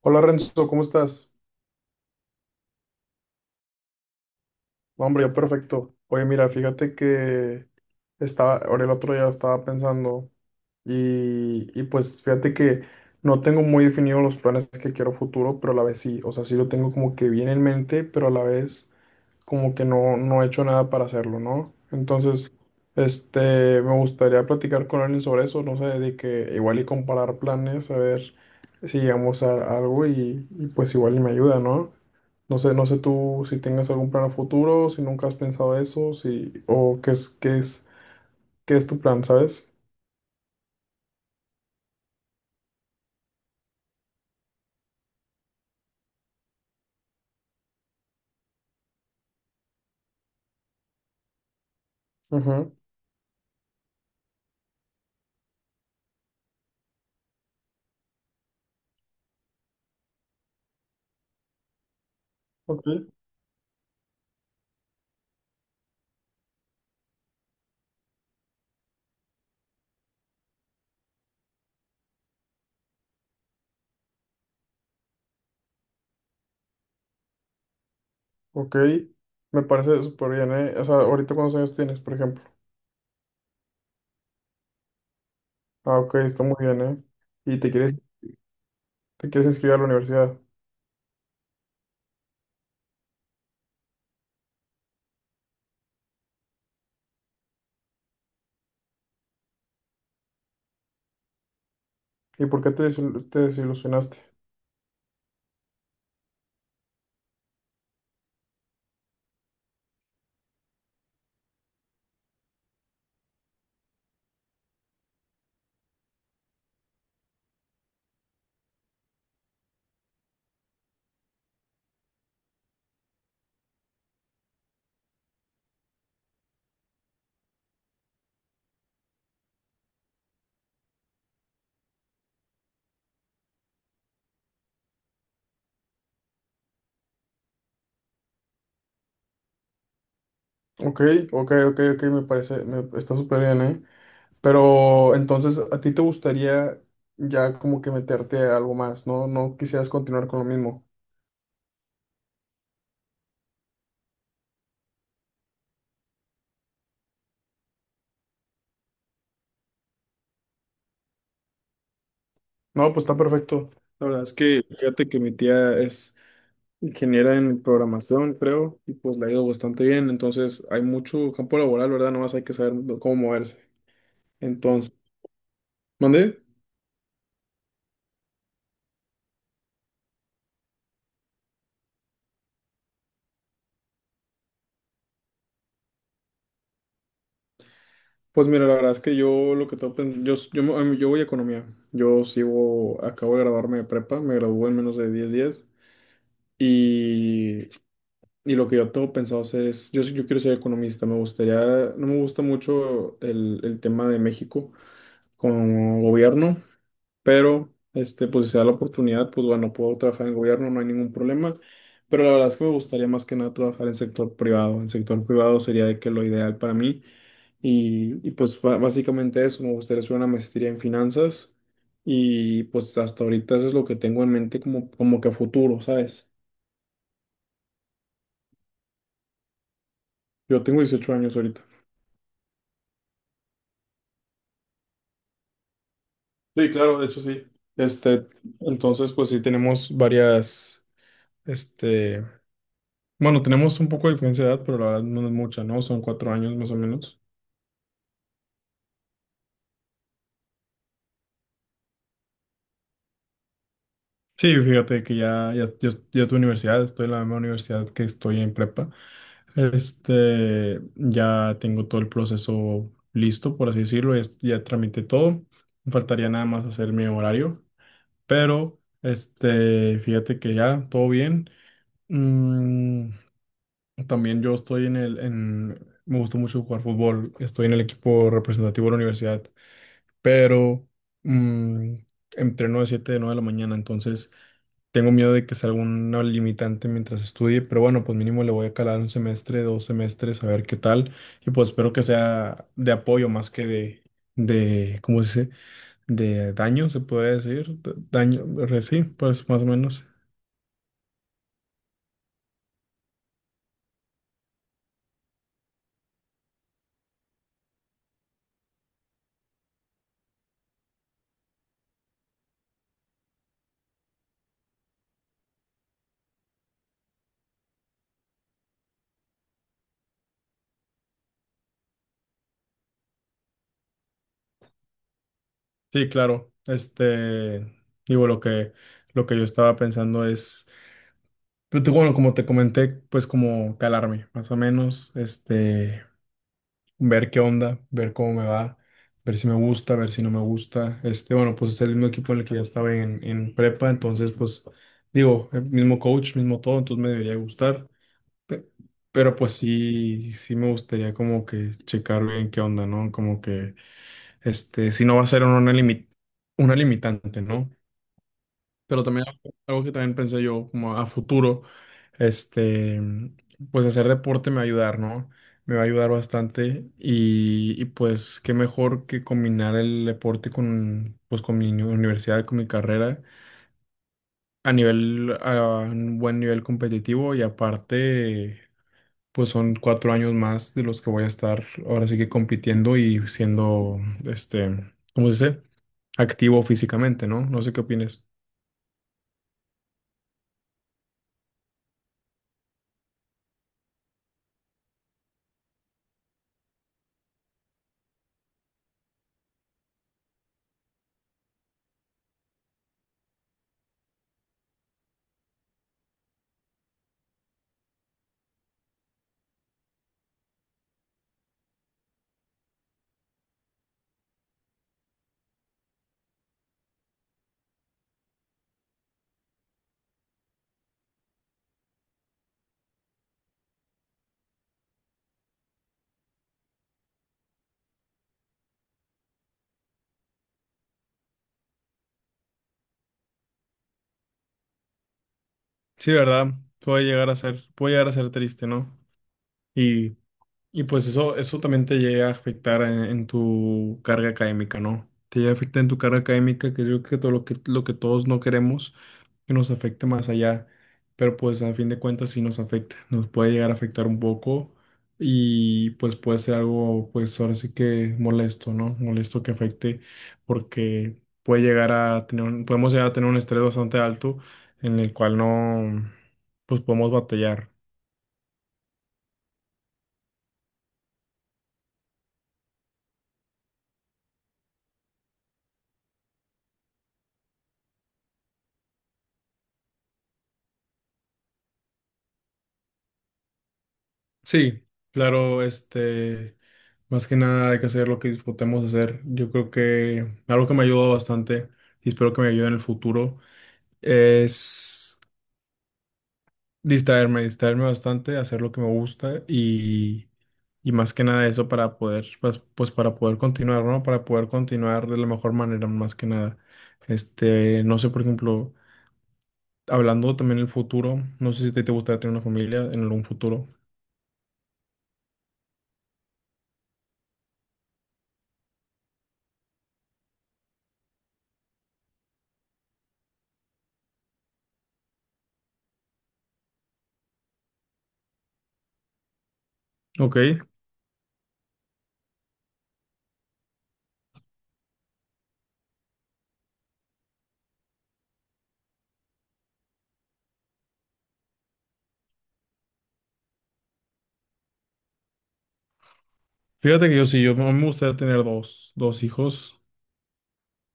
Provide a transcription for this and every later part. Hola Renzo, ¿cómo estás? No, hombre, yo perfecto. Oye, mira, fíjate que estaba, ahora el otro día estaba pensando y pues fíjate que no tengo muy definidos los planes que quiero a futuro, pero a la vez sí, o sea, sí lo tengo como que bien en mente, pero a la vez como que no, no he hecho nada para hacerlo, ¿no? Entonces, este, me gustaría platicar con alguien sobre eso, no sé, de que igual y comparar planes, a ver si llegamos a algo y pues igual y me ayuda, ¿no? No sé, no sé tú si tengas algún plan a futuro, si nunca has pensado eso, si, o qué es tu plan, ¿sabes? Ujú. Ok, ok. Me parece súper bien, ¿eh? O sea, ahorita cuántos años tienes, por ejemplo. Ah, ok, está muy bien, ¿eh? Y te quieres inscribir a la universidad. ¿Y por qué te desilusionaste? Ok, ok, ok, ok, me parece, está súper bien, ¿eh? Pero entonces, ¿a ti te gustaría ya como que meterte a algo más, ¿no? No quisieras continuar con lo mismo. No, pues está perfecto. La verdad es que fíjate que mi tía es ingeniera en programación, creo, y pues le ha ido bastante bien. Entonces hay mucho campo laboral, ¿verdad? Nomás hay que saber cómo moverse. Entonces, ¿mandé? Pues mira, la verdad es que yo lo que tengo pen- yo, s- yo, me- a mí- yo voy a economía. Yo sigo, acabo de graduarme de prepa, me gradué en menos de 10 días. Y, y lo que yo tengo pensado hacer es, yo quiero ser economista, me gustaría, no me gusta mucho el tema de México como gobierno. Pero este, pues si se da la oportunidad, pues bueno, puedo trabajar en gobierno, no hay ningún problema, pero la verdad es que me gustaría más que nada trabajar en sector privado sería de que lo ideal para mí y pues básicamente eso, me gustaría hacer una maestría en finanzas y pues hasta ahorita eso es lo que tengo en mente como que a futuro, ¿sabes? Yo tengo 18 años ahorita. Sí, claro, de hecho sí. Este, entonces pues sí tenemos varias, este. Bueno, tenemos un poco de diferencia de edad, pero la verdad no es mucha, ¿no? Son 4 años más o menos. Sí, fíjate que ya tu universidad, estoy en la misma universidad que estoy en prepa. Este, ya tengo todo el proceso listo, por así decirlo, ya tramité todo. Me faltaría nada más hacer mi horario, pero este, fíjate que ya, todo bien. Mm, también yo estoy en el, en, Me gusta mucho jugar fútbol, estoy en el equipo representativo de la universidad. Pero mm, entreno de 7 de 9 de la mañana, entonces tengo miedo de que sea alguna limitante mientras estudie, pero bueno, pues mínimo le voy a calar un semestre, 2 semestres, a ver qué tal, y pues espero que sea de apoyo más que ¿cómo se dice? De daño, se podría decir, daño, sí, pues más o menos. Sí, claro, este, digo, lo que yo estaba pensando es. Pero bueno, como te comenté, pues como calarme, más o menos, este, ver qué onda, ver cómo me va, ver si me gusta, ver si no me gusta. Este, bueno, pues es el mismo equipo en el que ya estaba en prepa, entonces, pues, digo, el mismo coach, mismo todo, entonces me debería gustar. Pe- Pero pues sí, sí me gustaría como que checar bien qué onda, ¿no? Como que, este, si no va a ser una limitante, ¿no? Pero también algo que también pensé yo como a futuro, este, pues hacer deporte me va a ayudar, ¿no? Me va a ayudar bastante y pues qué mejor que combinar el deporte con, pues con mi universidad, con mi carrera, a nivel, a un buen nivel competitivo y aparte, pues son 4 años más de los que voy a estar ahora sí que compitiendo y siendo, este, ¿cómo se dice? Activo físicamente, ¿no? No sé qué opinas. Sí, ¿verdad? Puede llegar a ser, puede llegar a ser triste, ¿no? Y y pues eso también te llega a afectar en tu carga académica, ¿no? Te llega a afectar en tu carga académica, que yo creo que todo lo que todos no queremos que nos afecte más allá, pero pues a fin de cuentas sí nos afecta, nos puede llegar a afectar un poco y pues puede ser algo, pues ahora sí que molesto, ¿no? Molesto que afecte porque puede llegar a tener, un- podemos llegar a tener un estrés bastante alto en el cual no, pues podemos batallar. Sí, claro, este, más que nada hay que hacer lo que disfrutemos hacer. Yo creo que algo que me ha ayudado bastante y espero que me ayude en el futuro es distraerme, distraerme bastante, hacer lo que me gusta y más que nada eso para poder, pues para poder continuar, ¿no? Para poder continuar de la mejor manera, más que nada. Este, no sé, por ejemplo, hablando también del futuro, no sé si te gustaría tener una familia en algún futuro. Ok. Fíjate que yo sí, a mí me gustaría tener dos hijos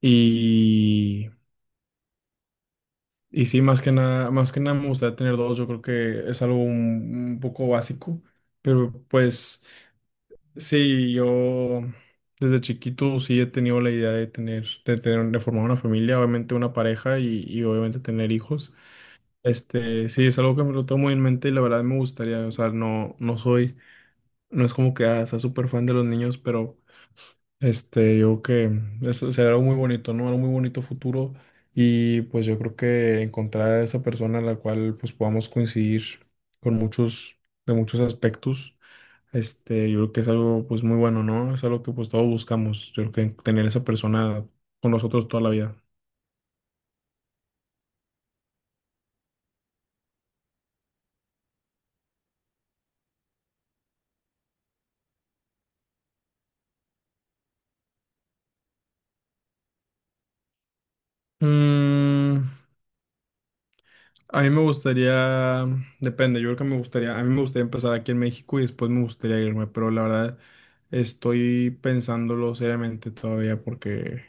y, y sí, más que nada me gustaría tener dos, yo creo que es algo un poco básico, pero pues sí, yo desde chiquito sí he tenido la idea de formar una familia, obviamente una pareja y obviamente tener hijos. Este, sí, es algo que me lo tomo muy en mente y la verdad me gustaría, o sea, no, no soy, no es como que ah, sea súper fan de los niños, pero. Este, yo creo que eso será algo muy bonito, ¿no? Algo muy bonito futuro y pues yo creo que encontrar a esa persona en la cual pues podamos coincidir con muchos, de muchos aspectos, este, yo creo que es algo pues muy bueno, ¿no? Es algo que pues todos buscamos, yo creo que tener esa persona con nosotros toda la vida. Mm, a mí me gustaría, depende, yo creo que me gustaría, a mí me gustaría empezar aquí en México y después me gustaría irme, pero la verdad estoy pensándolo seriamente todavía porque.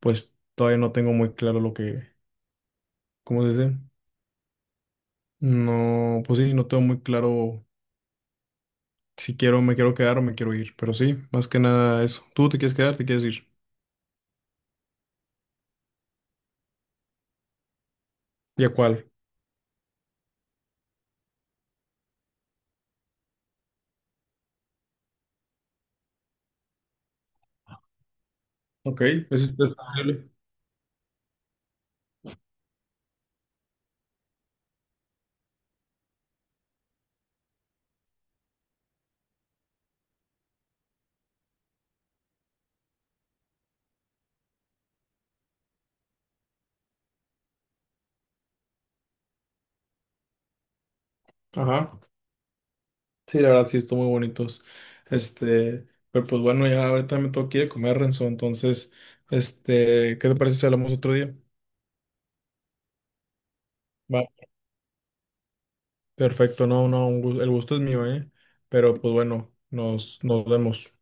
Pues todavía no tengo muy claro lo que, ¿cómo se dice? No, pues sí, no tengo muy claro si quiero, me quiero quedar o me quiero ir, pero sí, más que nada eso. ¿Tú te quieres quedar, te quieres ir? ¿Y a cuál? Ok, es posible. Ajá. Sí, la verdad sí, están muy bonitos. Este, pero pues bueno, ya ahorita me tengo que ir a comer, Renzo, entonces, este, ¿qué te parece si hablamos otro día? Va. Perfecto, no, no, el gusto es mío, ¿eh? Pero pues bueno, nos vemos.